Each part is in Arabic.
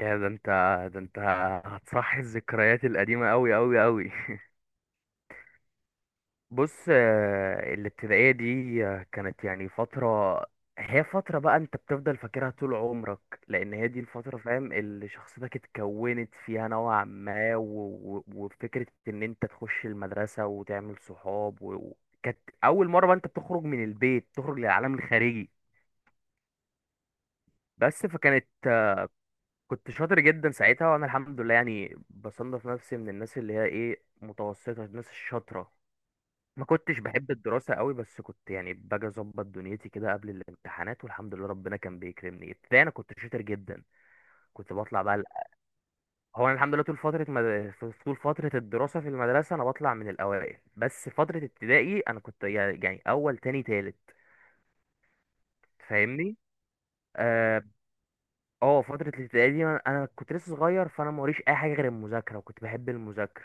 يا ده انت هتصحي الذكريات القديمة أوي أوي أوي. بص، الابتدائية دي كانت يعني فترة. هي فترة بقى انت بتفضل فاكرها طول عمرك. لأن هي دي الفترة، فاهم، اللي شخصيتك اتكونت فيها نوعا ما وفكرة إن انت تخش المدرسة وتعمل صحاب كانت أول مرة بقى انت بتخرج من البيت، تخرج للعالم الخارجي. بس فكانت كنت شاطر جدا ساعتها، وانا الحمد لله يعني بصنف نفسي من الناس اللي هي ايه، متوسطه، الناس الشاطره. ما كنتش بحب الدراسه قوي، بس كنت يعني باجي اظبط دنيتي كده قبل الامتحانات، والحمد لله ربنا كان بيكرمني. ابتدائي انا كنت شاطر جدا. كنت بطلع بقى ال- هو انا الحمد لله طول فتره الدراسه في المدرسه انا بطلع من الاوائل، بس فتره ابتدائي انا كنت يعني اول تاني تالت. فاهمني؟ اه. فترة الابتدائي دي انا كنت لسه صغير، فانا موريش اي حاجة غير المذاكرة، وكنت بحب المذاكرة.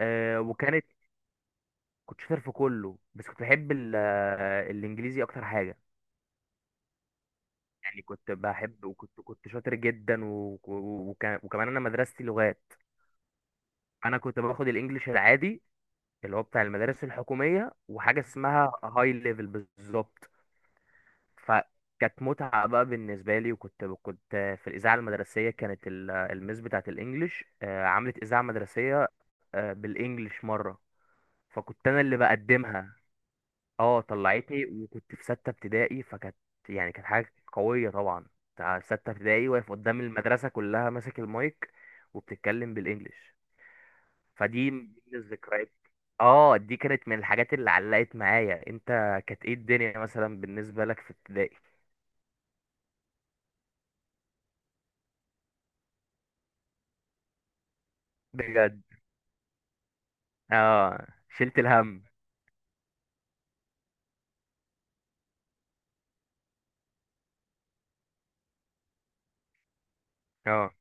آه وكانت كنت شاطر في كله، بس كنت بحب الانجليزي اكتر حاجه. يعني كنت بحب، وكنت شاطر جدا وكمان انا مدرستي لغات. انا كنت باخد الانجليش العادي اللي هو بتاع المدارس الحكوميه، وحاجه اسمها هاي ليفل بالظبط. فكانت متعه بقى بالنسبه لي. وكنت في الاذاعه المدرسيه، كانت الميس بتاعه الانجليش عملت اذاعه مدرسيه بالانجليش مره، فكنت انا اللي بقدمها. اه، طلعتني. وكنت في ستة ابتدائي فكانت يعني كانت حاجة قوية طبعا. بتاع ستة ابتدائي واقف قدام المدرسة كلها، ماسك المايك وبتتكلم بالانجلش. فدي من ضمن الذكريات. اه، دي كانت من الحاجات اللي علقت معايا. انت، كانت ايه الدنيا مثلا بالنسبة لك في ابتدائي؟ بجد؟ اه، شلت الهم. اه،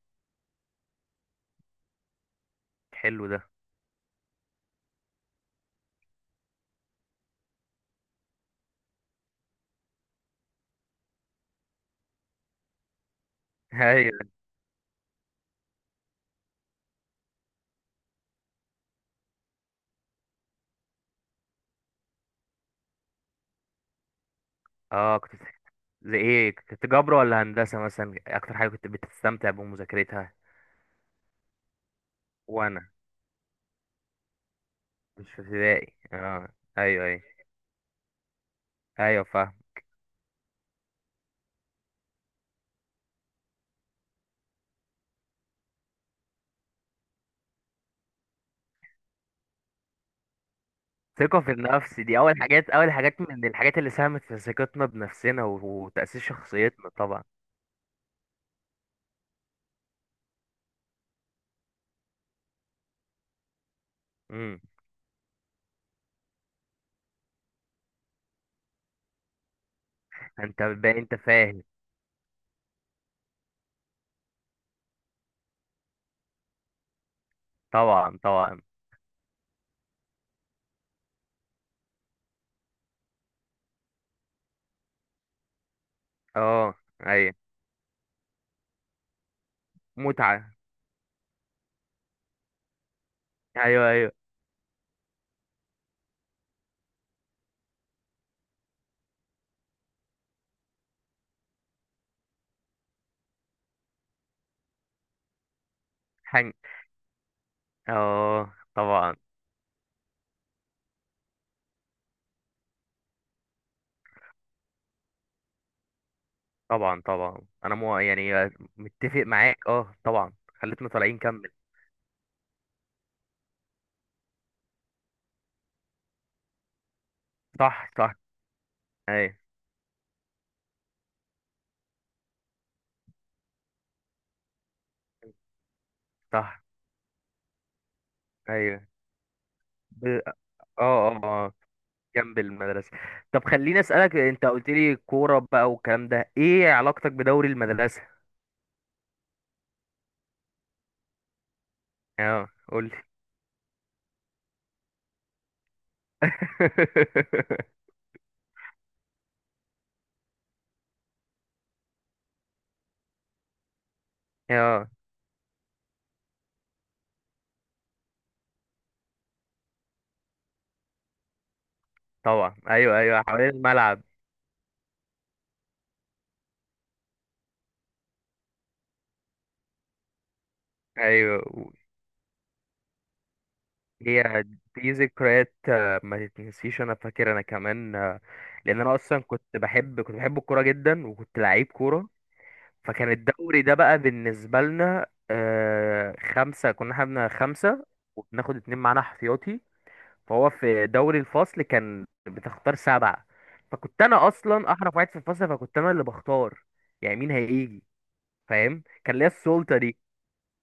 حلو ده. ايوه. اه، زي ايه، كنت جبر ولا هندسة مثلا اكتر حاجة كنت بتستمتع بمذاكرتها؟ وانا مش في ابتدائي، اه. ايوه، ايوه، ايوه، فاهم. ثقة في النفس دي أول حاجات من الحاجات اللي ساهمت في ثقتنا بنفسنا وتأسيس شخصيتنا طبعا. امم أنت باين أنت فاهم. طبعا، طبعا. اه، أيوه. متعة. أيوه، أيوه. حن، اه. طبعا، طبعا، طبعا. أنا مو يعني متفق معاك، اه طبعا. خلتنا طالعين، كمل. صح، صح. أيوه، صح، أيوه. ب... اه اه آه. جنب المدرسة. طب خليني أسألك، أنت قلت لي كورة بقى والكلام ده، إيه علاقتك بدوري المدرسة؟ أه، قول لي. أه، طبعا. أيوه، أيوه، حوالين الملعب. أيوه. هي دي ذكريات ما تتنسيش. أنا فاكر، أنا كمان لأن أنا أصلا كنت بحب الكورة جدا، وكنت لعيب كورة. فكان الدوري ده بقى بالنسبة لنا خمسة، كنا احنا خمسة، وبناخد اتنين معانا احتياطي. فهو في دوري الفصل كان بتختار سبعة، فكنت انا اصلا احرف واحد في الفصل، فكنت انا اللي بختار يعني مين هيجي. فاهم، كان ليا السلطة دي.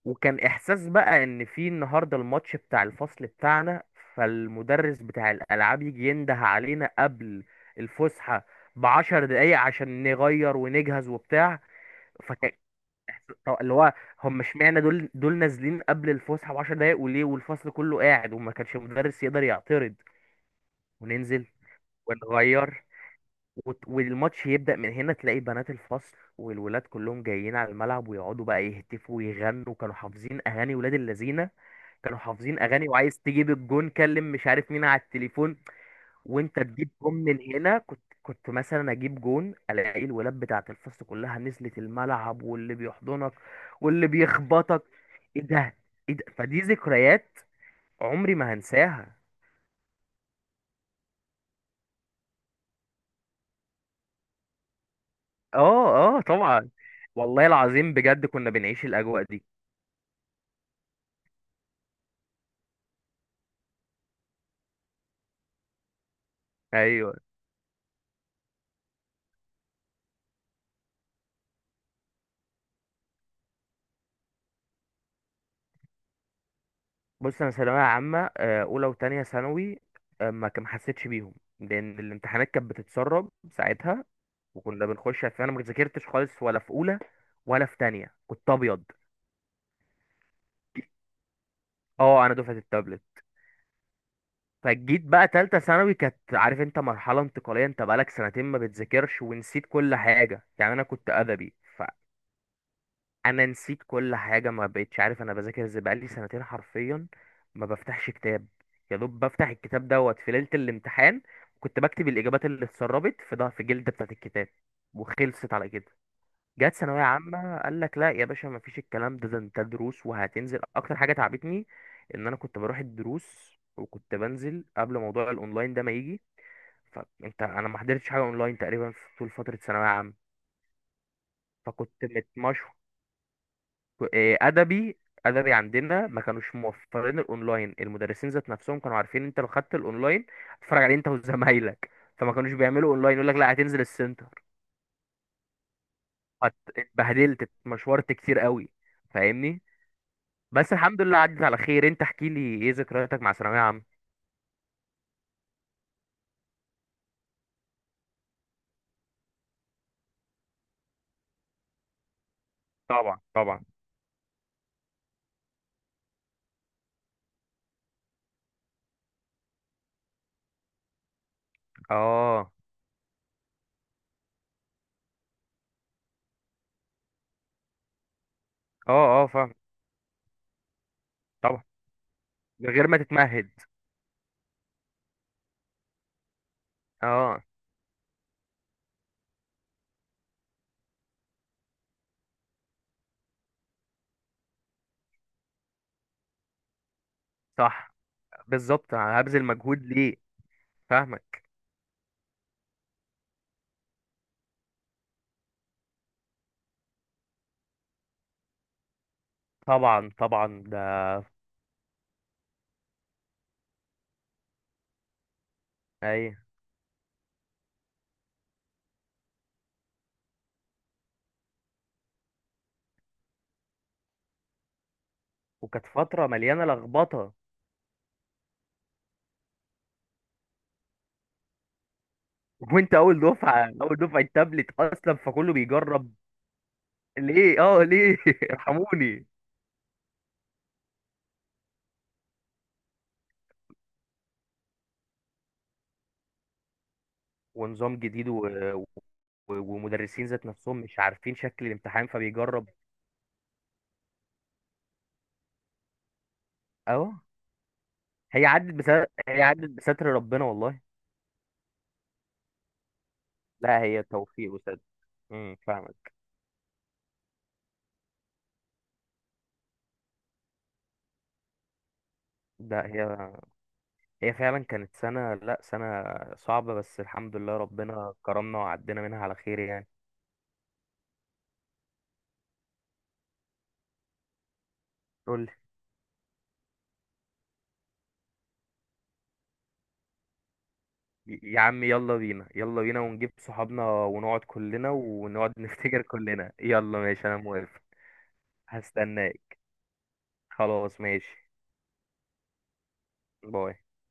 وكان احساس بقى ان في النهارده الماتش بتاع الفصل بتاعنا، فالمدرس بتاع الالعاب يجي ينده علينا قبل الفسحة بعشر دقايق عشان نغير ونجهز وبتاع. فكان طب اللي هو هم، اشمعنى دول نازلين قبل الفسحة بعشر دقايق وليه، والفصل كله قاعد وما كانش المدرس يقدر يعترض. وننزل ونغير والماتش يبدأ من هنا، تلاقي بنات الفصل والولاد كلهم جايين على الملعب ويقعدوا بقى يهتفوا ويغنوا. كانوا حافظين أغاني ولاد اللذينة، كانوا حافظين أغاني، وعايز تجيب الجون كلم مش عارف مين على التليفون. وأنت تجيب جون من هنا، كنت مثلا أجيب جون ألاقي الولاد بتاعة الفصل كلها نزلت الملعب، واللي بيحضنك واللي بيخبطك، إيه ده، إيه ده. فدي ذكريات عمري ما هنساها. آه، آه، طبعا. والله العظيم بجد كنا بنعيش الأجواء دي. ايوه. بص، انا ثانويه عامه اولى وتانية ثانوي ما حسيتش بيهم، لان الامتحانات كانت بتتسرب ساعتها وكنا بنخش، فانا ما ذاكرتش خالص ولا في اولى ولا في تانية، كنت ابيض. اه، انا دفعه التابلت. فجيت بقى تالتة ثانوي، كانت عارف انت مرحله انتقاليه، انت بقالك سنتين ما بتذاكرش ونسيت كل حاجه. يعني انا كنت ادبي. انا نسيت كل حاجه، ما بقتش عارف انا بذاكر ازاي، بقالي سنتين حرفيا ما بفتحش كتاب. يا دوب بفتح الكتاب دوت في ليله الامتحان. كنت بكتب الاجابات اللي اتسربت في ده، في الجلده بتاعه الكتاب، وخلصت على كده. جت ثانويه عامه، قال لك لا يا باشا، ما فيش الكلام ده، ده انت دروس وهتنزل. اكتر حاجه تعبتني ان انا كنت بروح الدروس وكنت بنزل قبل موضوع الاونلاين ده ما يجي. فانت، انا ما حضرتش حاجه اونلاين تقريبا في طول فتره ثانويه عامه، فكنت متمشوح. إيه، ادبي. ادبي عندنا ما كانوش موفرين الاونلاين، المدرسين ذات نفسهم كانوا عارفين انت لو خدت الاونلاين هتتفرج عليه انت وزمايلك، فما كانوش بيعملوا اونلاين، يقول لك لا هتنزل السنتر. اتبهدلت، اتمشورت كتير قوي، فاهمني. بس الحمد لله عدت على خير. انت احكي لي ايه ذكرياتك مع ثانويه عامه. طبعا، طبعا. اه، اه، اه، فاهم. طبعا، من غير ما تتمهد. اه. صح، بالظبط هبذل مجهود ليه. فاهمك. طبعا، طبعا ده. ايوه، وكانت فتره مليانه لخبطه. وانت اول دفعه تابلت اصلا، فكله بيجرب. ليه؟ اه، ليه؟ ارحموني. ونظام جديد ومدرسين ذات نفسهم مش عارفين شكل الامتحان فبيجرب. اهو، هي عدت بستر، هي عدت بستر ربنا والله. لا، هي توفيق وسد. فاهمك. ده هي فعلا كانت سنه، لا، سنه صعبه، بس الحمد لله ربنا كرمنا وعدينا منها على خير يعني. قول. يا عم يلا بينا، يلا بينا، ونجيب صحابنا ونقعد كلنا، ونقعد نفتكر كلنا. يلا ماشي، انا موافق. هستناك. خلاص، ماشي. باي.